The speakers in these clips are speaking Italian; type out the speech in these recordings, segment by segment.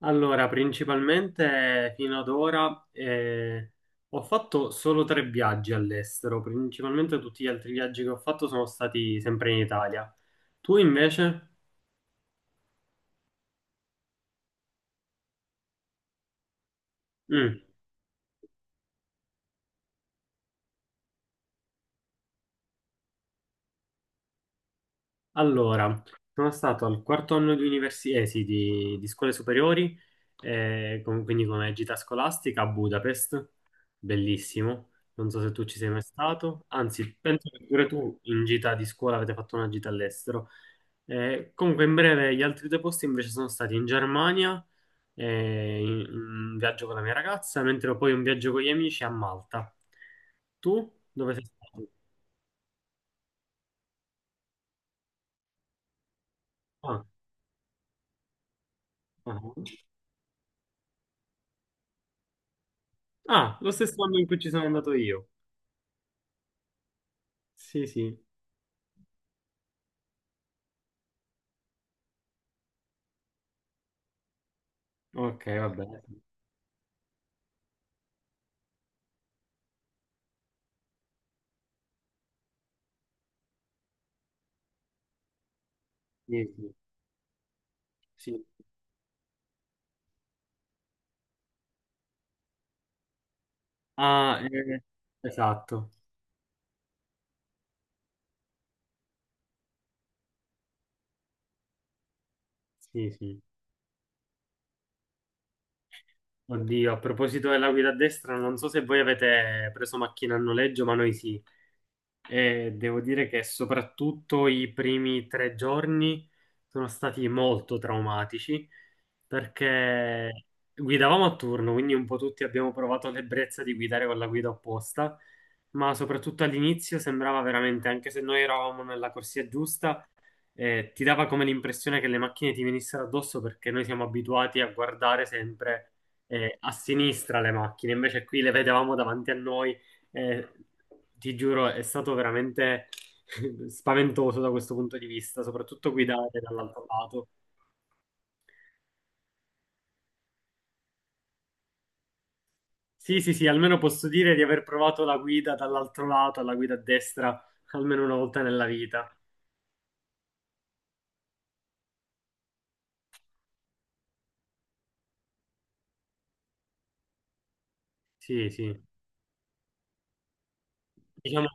Allora, principalmente fino ad ora ho fatto solo tre viaggi all'estero, principalmente tutti gli altri viaggi che ho fatto sono stati sempre in Italia. Tu invece? Mm. Allora, sono stato al quarto anno di università, sì, di scuole superiori, quindi come gita scolastica a Budapest, bellissimo. Non so se tu ci sei mai stato, anzi, penso che pure tu in gita di scuola avete fatto una gita all'estero. Comunque, in breve, gli altri due posti invece sono stati in Germania, un viaggio con la mia ragazza, mentre poi un viaggio con gli amici a Malta. Tu dove sei stato? Ah, ah. Ah, lo stesso anno in cui ci sono andato io. Sì, sì. Ok, va bene. Sì, sì, sì. Ah, esatto. Sì, sì. Oddio, a proposito della guida a destra, non so se voi avete preso macchina a noleggio, ma noi sì. E devo dire che soprattutto i primi 3 giorni sono stati molto traumatici perché guidavamo a turno, quindi un po' tutti abbiamo provato l'ebbrezza di guidare con la guida opposta, ma soprattutto all'inizio sembrava veramente, anche se noi eravamo nella corsia giusta, ti dava come l'impressione che le macchine ti venissero addosso perché noi siamo abituati a guardare sempre a sinistra le macchine, invece qui le vedevamo davanti a noi. eh, Ti giuro, è stato veramente spaventoso da questo punto di vista, soprattutto guidare dall'altro lato. Sì, sì, sì, almeno posso dire di aver provato la guida dall'altro lato, alla guida a destra, almeno una volta nella vita. Sì, sì. Diciamo.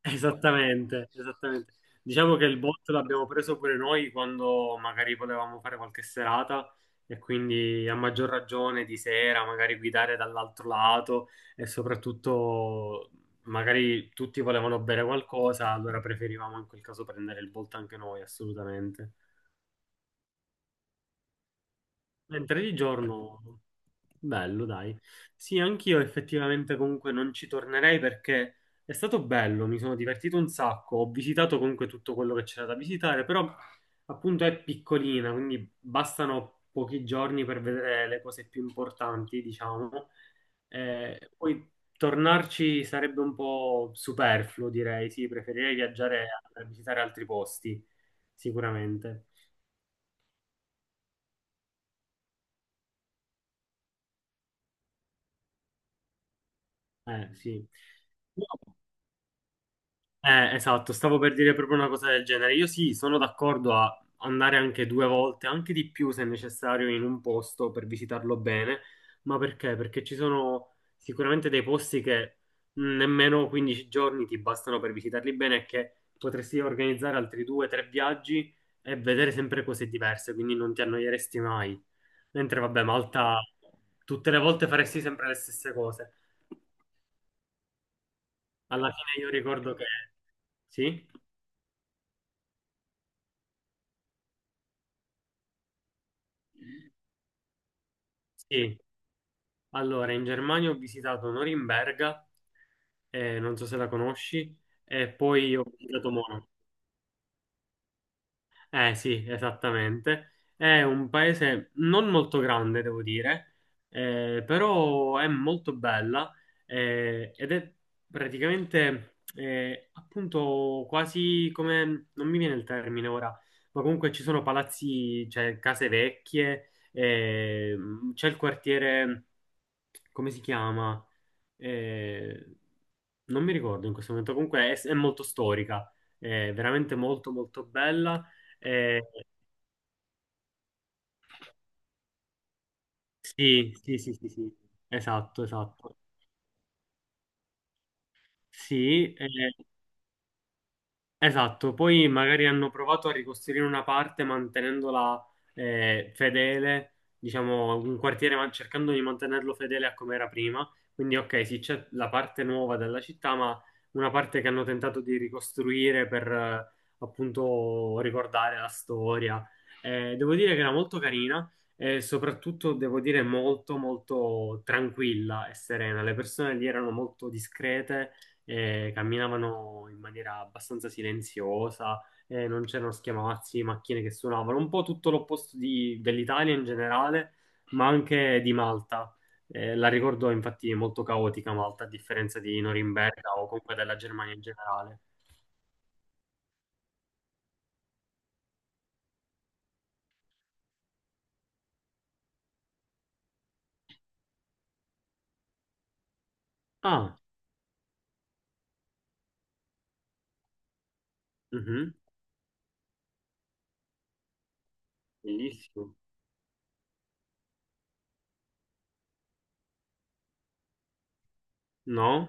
Esattamente, esattamente. Diciamo che il bot l'abbiamo preso pure noi quando magari potevamo fare qualche serata e quindi a maggior ragione di sera magari guidare dall'altro lato e soprattutto magari tutti volevano bere qualcosa, allora preferivamo in quel caso prendere il bot anche noi, assolutamente. Mentre di giorno, bello, dai. Sì, anch'io effettivamente comunque non ci tornerei perché è stato bello, mi sono divertito un sacco, ho visitato comunque tutto quello che c'era da visitare, però appunto è piccolina, quindi bastano pochi giorni per vedere le cose più importanti, diciamo. Poi tornarci sarebbe un po' superfluo, direi, sì, preferirei viaggiare a visitare altri posti, sicuramente. Sì. No, eh, esatto, stavo per dire proprio una cosa del genere. Io sì, sono d'accordo a andare anche due volte, anche di più se necessario, in un posto per visitarlo bene. Ma perché? Perché ci sono sicuramente dei posti che nemmeno 15 giorni ti bastano per visitarli bene e che potresti organizzare altri due, tre viaggi e vedere sempre cose diverse, quindi non ti annoieresti mai. Mentre, vabbè, Malta, tutte le volte faresti sempre le stesse cose. Alla fine io ricordo che... Sì? Sì. Allora, in Germania ho visitato Norimberga, non so se la conosci, e poi ho visitato Monaco. Eh sì, esattamente. È un paese non molto grande, devo dire, però è molto bella ed è praticamente appunto quasi come, non mi viene il termine ora, ma comunque ci sono palazzi, cioè case vecchie, c'è il quartiere come si chiama? Eh, Non mi ricordo in questo momento, comunque è molto storica, è veramente molto molto bella. Eh, sì, sì, sì, sì, sì, esatto, esatto. Sì, esatto, poi magari hanno provato a ricostruire una parte mantenendola fedele, diciamo un quartiere cercando di mantenerlo fedele a come era prima. Quindi ok, sì, c'è la parte nuova della città, ma una parte che hanno tentato di ricostruire per appunto ricordare la storia. Devo dire che era molto carina e soprattutto devo dire molto molto tranquilla e serena. Le persone lì erano molto discrete camminavano in maniera abbastanza silenziosa, non c'erano schiamazzi, macchine che suonavano, un po' tutto l'opposto dell'Italia in generale, ma anche di Malta. La ricordo infatti molto caotica Malta, a differenza di Norimberga o comunque della Germania in generale. Ah, mhm, bellissimo. No?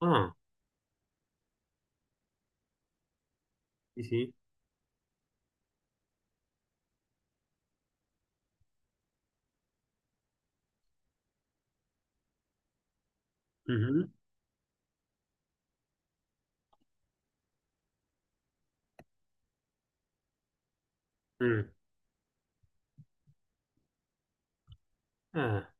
Ah, sì, sì. Mhm, mm, eh.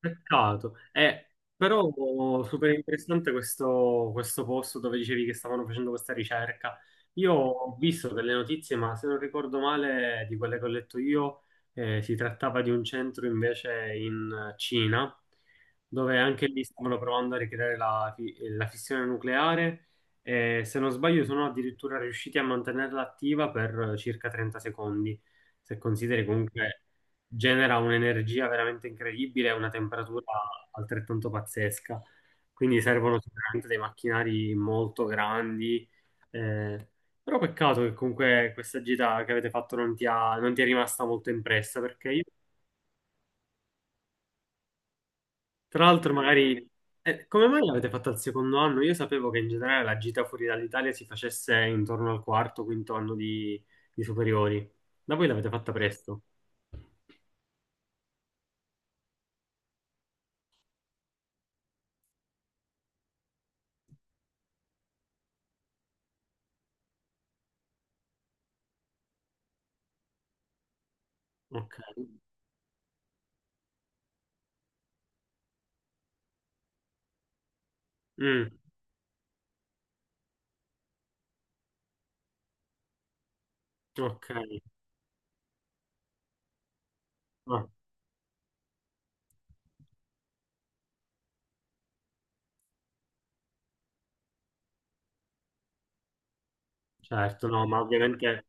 Peccato. Però super interessante questo posto dove dicevi che stavano facendo questa ricerca. Io ho visto delle notizie, ma se non ricordo male, di quelle che ho letto io, si trattava di un centro invece in Cina, dove anche lì stavano provando a ricreare la fissione nucleare e se non sbaglio sono addirittura riusciti a mantenerla attiva per circa 30 secondi. Se consideri comunque genera un'energia veramente incredibile e una temperatura altrettanto pazzesca. Quindi servono sicuramente dei macchinari molto grandi. eh, Però peccato che comunque questa gita che avete fatto non ti è rimasta molto impressa, perché io, tra l'altro, magari... Come mai l'avete fatta al secondo anno? Io sapevo che in generale la gita fuori dall'Italia si facesse intorno al quarto, quinto anno di superiori. Da voi l'avete fatta presto. Ok. Mm, ok. Ah, certo, no, ma ovviamente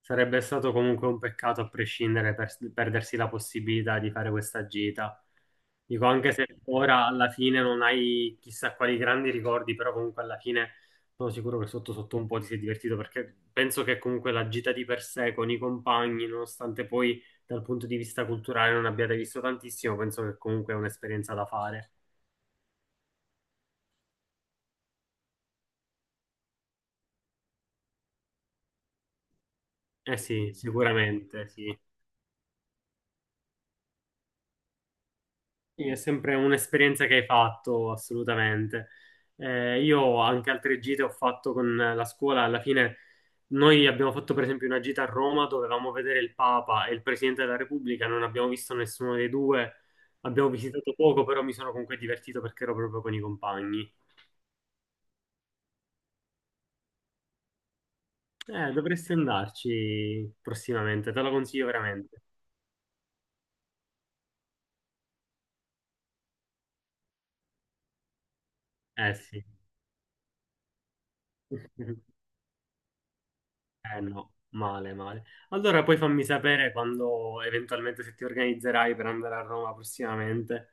sarebbe stato comunque un peccato a prescindere perdersi la possibilità di fare questa gita. Dico, anche se ora alla fine non hai chissà quali grandi ricordi, però comunque alla fine sono sicuro che sotto sotto un po' ti sei divertito perché penso che comunque la gita di per sé con i compagni, nonostante poi dal punto di vista culturale non abbiate visto tantissimo, penso che comunque è un'esperienza da fare. Eh sì, sicuramente, sì. Sì, è sempre un'esperienza che hai fatto, assolutamente. Io anche altre gite ho fatto con la scuola. Alla fine noi abbiamo fatto per esempio una gita a Roma, dovevamo vedere il Papa e il Presidente della Repubblica, non abbiamo visto nessuno dei due, abbiamo visitato poco, però mi sono comunque divertito perché ero proprio con i compagni. Dovresti andarci prossimamente, te lo consiglio veramente. Eh sì. Eh no, male, male. Allora poi fammi sapere quando eventualmente se ti organizzerai per andare a Roma prossimamente.